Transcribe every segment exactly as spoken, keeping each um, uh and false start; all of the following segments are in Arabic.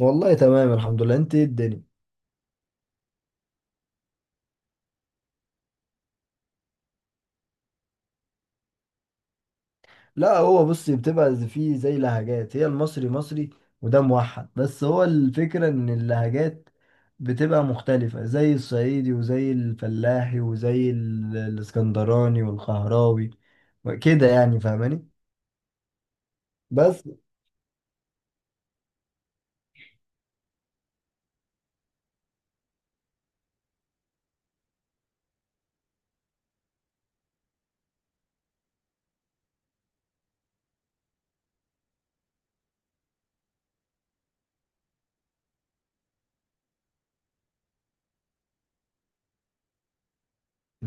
والله، تمام الحمد لله. انت ايه الدنيا؟ لا، هو بصي بتبقى ز- فيه زي لهجات. هي المصري مصري وده موحد، بس هو الفكرة ان اللهجات بتبقى مختلفة زي الصعيدي وزي الفلاحي وزي ال- الاسكندراني والقهراوي كده. يعني فاهماني؟ بس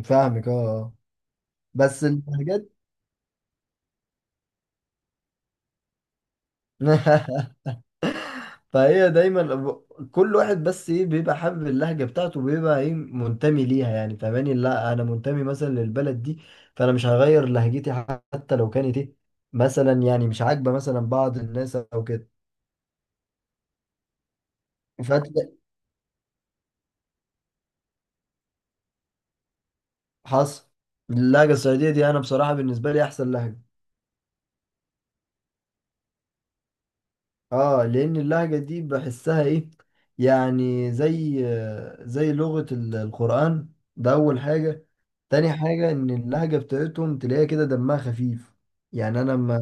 فاهمك. اه، آه. بس اللهجات فهي دايما ب- كل واحد بس ايه بيبقى حابب اللهجه بتاعته، بيبقى ايه منتمي ليها. يعني فاهماني؟ لا، انا منتمي مثلا للبلد دي، فانا مش هغير لهجتي حتى لو كانت ايه، مثلا يعني مش عاجبه مثلا بعض الناس او كده. فتلاقي حصل. اللهجه الصعيديه دي انا بصراحه بالنسبه لي احسن لهجه. اه، لان اللهجه دي بحسها ايه، يعني زي زي لغه ال- القران. ده اول حاجه. تاني حاجه ان اللهجه بتاعتهم تلاقيها كده دمها خفيف. يعني انا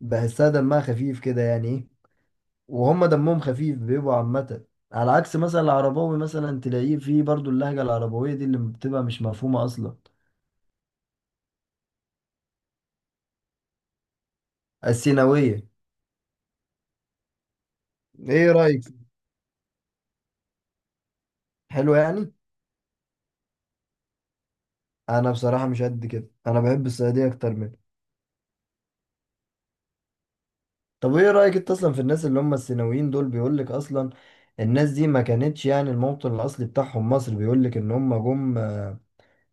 بحسها دمها خفيف كده يعني ايه. وهم دمهم خفيف بيبقوا عامة، على عكس مثلا العرباوي. مثلا تلاقيه فيه برضو اللهجة العربوية دي اللي بتبقى مش مفهومة أصلا. السيناوية؟ ايه رأيك؟ حلو. يعني انا بصراحة مش قد كده، انا بحب الصعيدية اكتر منه. طب ايه رأيك انت اصلا في الناس اللي هم السيناويين دول؟ بيقولك اصلا الناس دي ما كانتش يعني الموطن الاصلي بتاعهم مصر، بيقولك ان هم جم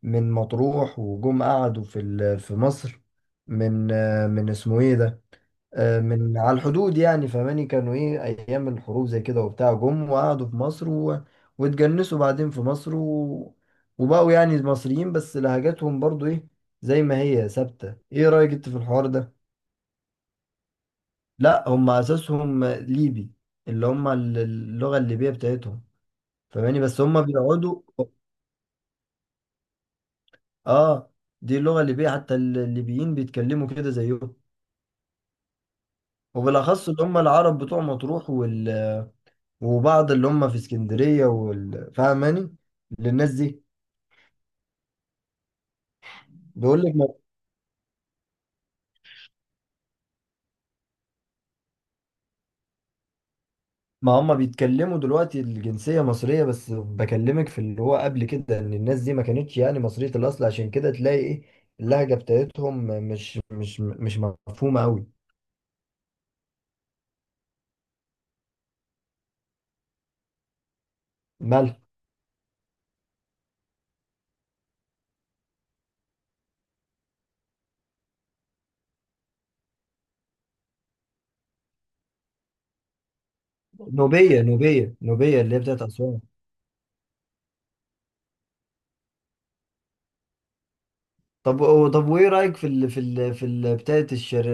من مطروح وجم قعدوا في ال- في مصر، من من اسمه ايه ده، آه، من على الحدود. يعني فماني كانوا ايه ايام الحروب زي كده وبتاع، جم وقعدوا في مصر، و... واتجنسوا بعدين في مصر، و... وبقوا يعني مصريين، بس لهجاتهم برضو ايه زي ما هي ثابتة. ايه رأيك انت في الحوار ده؟ لا، هم اساسهم ليبي، اللي هم ال- اللغة الليبية بتاعتهم، فماني بس هم بيقعدوا. اه، دي اللغة الليبية، حتى الليبيين بيتكلموا كده زيهم، وبالاخص اللي هم العرب بتوع مطروح وبعض اللي هم في اسكندرية وال- فاهماني؟ للناس دي بيقول لك ما. ما هم بيتكلموا دلوقتي الجنسية مصرية، بس بكلمك في اللي هو قبل كده ان الناس دي ما كانتش يعني مصرية الأصل، عشان كده تلاقي ايه اللهجة بتاعتهم مش مش مش مفهومة قوي. مالها؟ نوبية نوبية نوبية اللي هي بتاعت أسوان. طب و- طب وايه رأيك في ال في ال في ال بتاعت الشر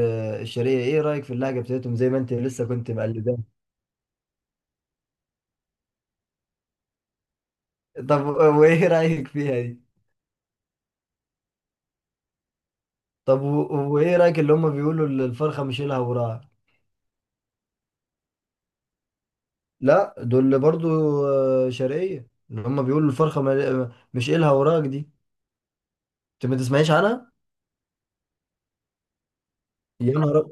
الشرقية؟ ايه رأيك في اللهجة بتاعتهم زي ما انت لسه كنت مقلداها؟ طب وايه رأيك فيها دي؟ طب و- وايه رايك اللي هم بيقولوا ال- الفرخه مش لها وراها؟ لا، دول برضو آه، شرقيه، اللي هم بيقولوا الفرخه ما- مش لها وراك دي، انت ما تسمعيش عنها؟ يا نهار!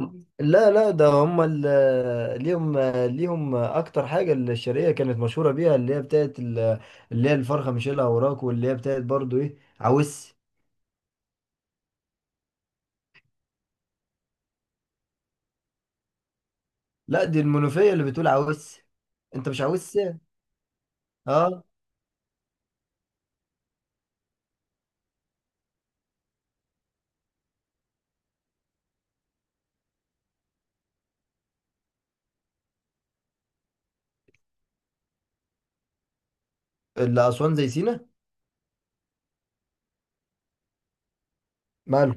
أب- لا، لا، ده هم ال- ليهم، ليهم اكتر حاجه الشرقيه كانت مشهوره بيها اللي هي بتاعت ال- اللي هي الفرخه مش لها وراك، واللي هي بتاعت برضو ايه عوس. لا، دي المنوفيه اللي بتقول عوس. انت مش عاوز ساعة. اه، اللي اسوان زي سينا. ماله؟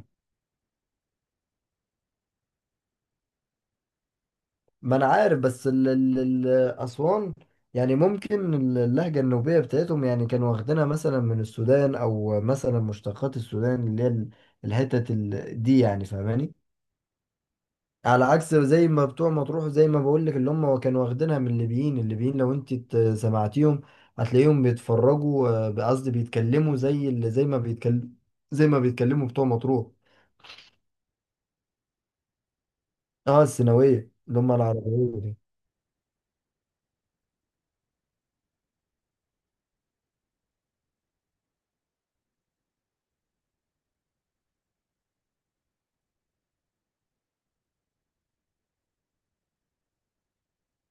ما انا عارف، بس ال ال ال اسوان، يعني ممكن اللهجة النوبية بتاعتهم يعني كانوا واخدينها مثلا من السودان، او مثلا مشتقات السودان اللي هي ال- الحتت ال- دي. يعني فاهماني؟ على عكس زي ما بتوع مطروح، زي ما بقول لك اللي هم كانوا واخدينها من الليبيين. الليبيين لو انت ت- سمعتيهم هتلاقيهم بيتفرجوا، آه، قصدي بيتكلموا زي اللي زي ما بيتكلم، زي ما بيتكلموا بتوع مطروح. اه، السيناوية اللي هم العربية.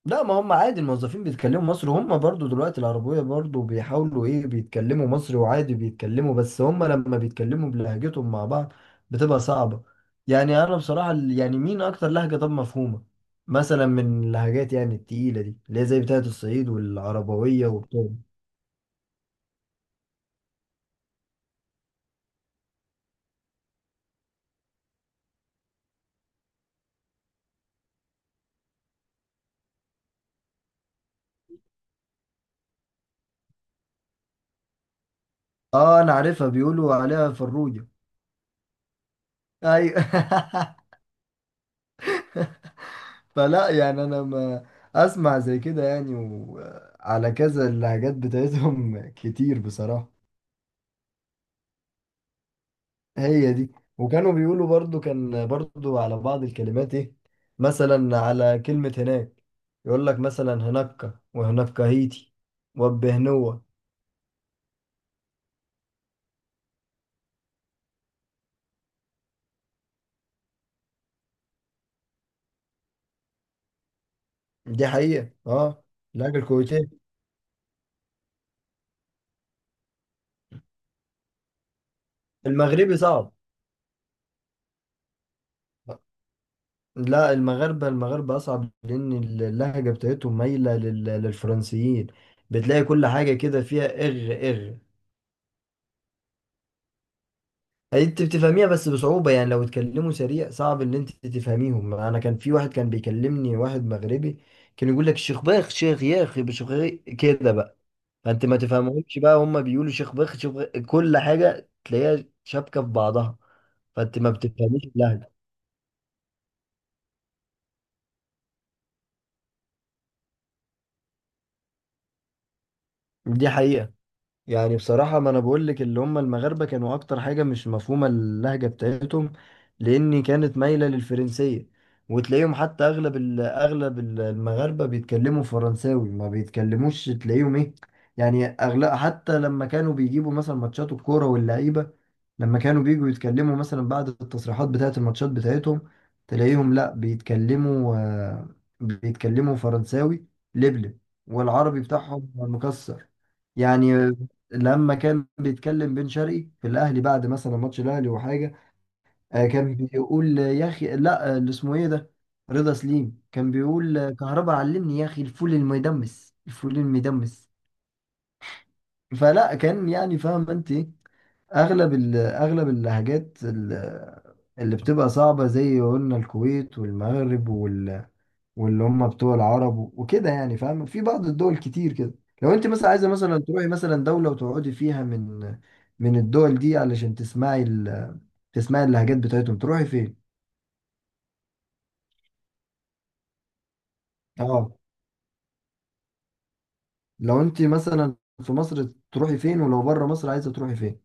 لا، ما هم عادي الموظفين بيتكلموا مصري، هم برضو دلوقتي العربية برضو بيحاولوا ايه بيتكلموا مصري وعادي بيتكلموا، بس هم لما بيتكلموا بلهجتهم مع بعض بتبقى صعبة. يعني انا بصراحة ال- يعني مين اكتر لهجة طب مفهومة مثلا من اللهجات يعني التقيلة دي اللي هي زي بتاعة الصعيد والعربوية وبتاع. اه، انا عارفها، بيقولوا عليها فروجة. ايوه فلا يعني انا ما اسمع زي كده يعني، وعلى كذا اللهجات بتاعتهم كتير بصراحة. هي دي. وكانوا بيقولوا برضو، كان برضو على بعض الكلمات ايه، مثلا على كلمة هناك يقول لك مثلا هناك، وهناك هيتي، وبهنوة. دي حقيقة، اه. اللهجة الكويتية. المغربي صعب. لا، المغاربة، المغاربة أصعب لأن اللهجة بتاعتهم مايلة لل- للفرنسيين. بتلاقي كل حاجة كده فيها إغ إغ. انت بتفهميها بس بصعوبة، يعني لو اتكلموا سريع صعب ان انت تفهميهم. انا كان في واحد كان بيكلمني، واحد مغربي كان يقول لك شيخ باخ شيخ ياخ شيخ كده بقى. فانت ما تفهمهمش بقى، هم بيقولوا شيخ باخ شيخ باخ، كل حاجة تلاقيها شابكة في بعضها، فانت ما بتفهميش اللهجة. دي حقيقة. يعني بصراحة ما أنا بقول لك اللي هم المغاربة كانوا أكتر حاجة مش مفهومة اللهجة بتاعتهم، لأن كانت مايلة للفرنسية. وتلاقيهم حتى أغلب ال- أغلب ال- المغاربة بيتكلموا فرنساوي ما بيتكلموش، تلاقيهم إيه، يعني أغلب، حتى لما كانوا بيجيبوا مثلا ماتشات الكورة واللعيبة، لما كانوا بيجوا يتكلموا مثلا بعد التصريحات بتاعة الماتشات بتاعتهم، تلاقيهم لأ بيتكلموا، آه، بيتكلموا فرنساوي لبلب، والعربي بتاعهم مكسر. يعني لما كان بيتكلم بن شرقي في الاهلي بعد مثلا ماتش الاهلي وحاجه، آه، كان بيقول يا اخي، لا آه، اللي اسمه ايه ده، رضا سليم كان بيقول آه، كهربا علمني يا اخي الفول المدمس الفول المدمس. فلا كان، يعني فاهم انت إيه؟ اغلب ال- اغلب اللهجات ال- اللي بتبقى صعبه زي قلنا الكويت والمغرب واللي هم بتوع العرب و- وكده. يعني فاهم في بعض الدول كتير كده. لو انت مثلا عايزه مثلا تروحي مثلا دوله وتقعدي فيها من من الدول دي علشان تسمعي ال... تسمعي اللهجات بتاعتهم، تروحي فين؟ اه. لو انت مثلا في مصر تروحي فين؟ ولو بره مصر عايزه تروحي فين؟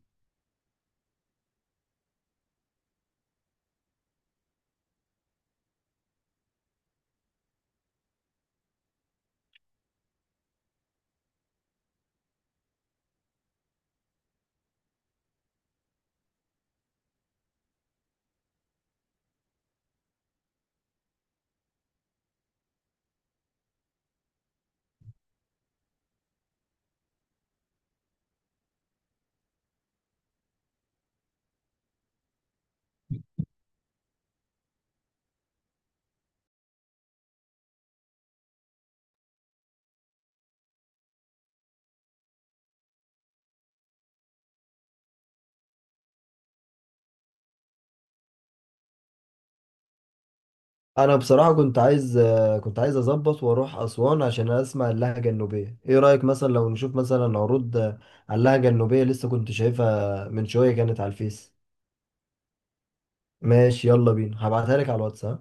انا بصراحه كنت عايز، كنت عايز اظبط واروح اسوان عشان اسمع اللهجه النوبيه. ايه رايك مثلا لو نشوف مثلا عروض على اللهجه النوبيه؟ لسه كنت شايفها من شويه، كانت على الفيس. ماشي، يلا بينا. هبعتها لك على الواتس. ها؟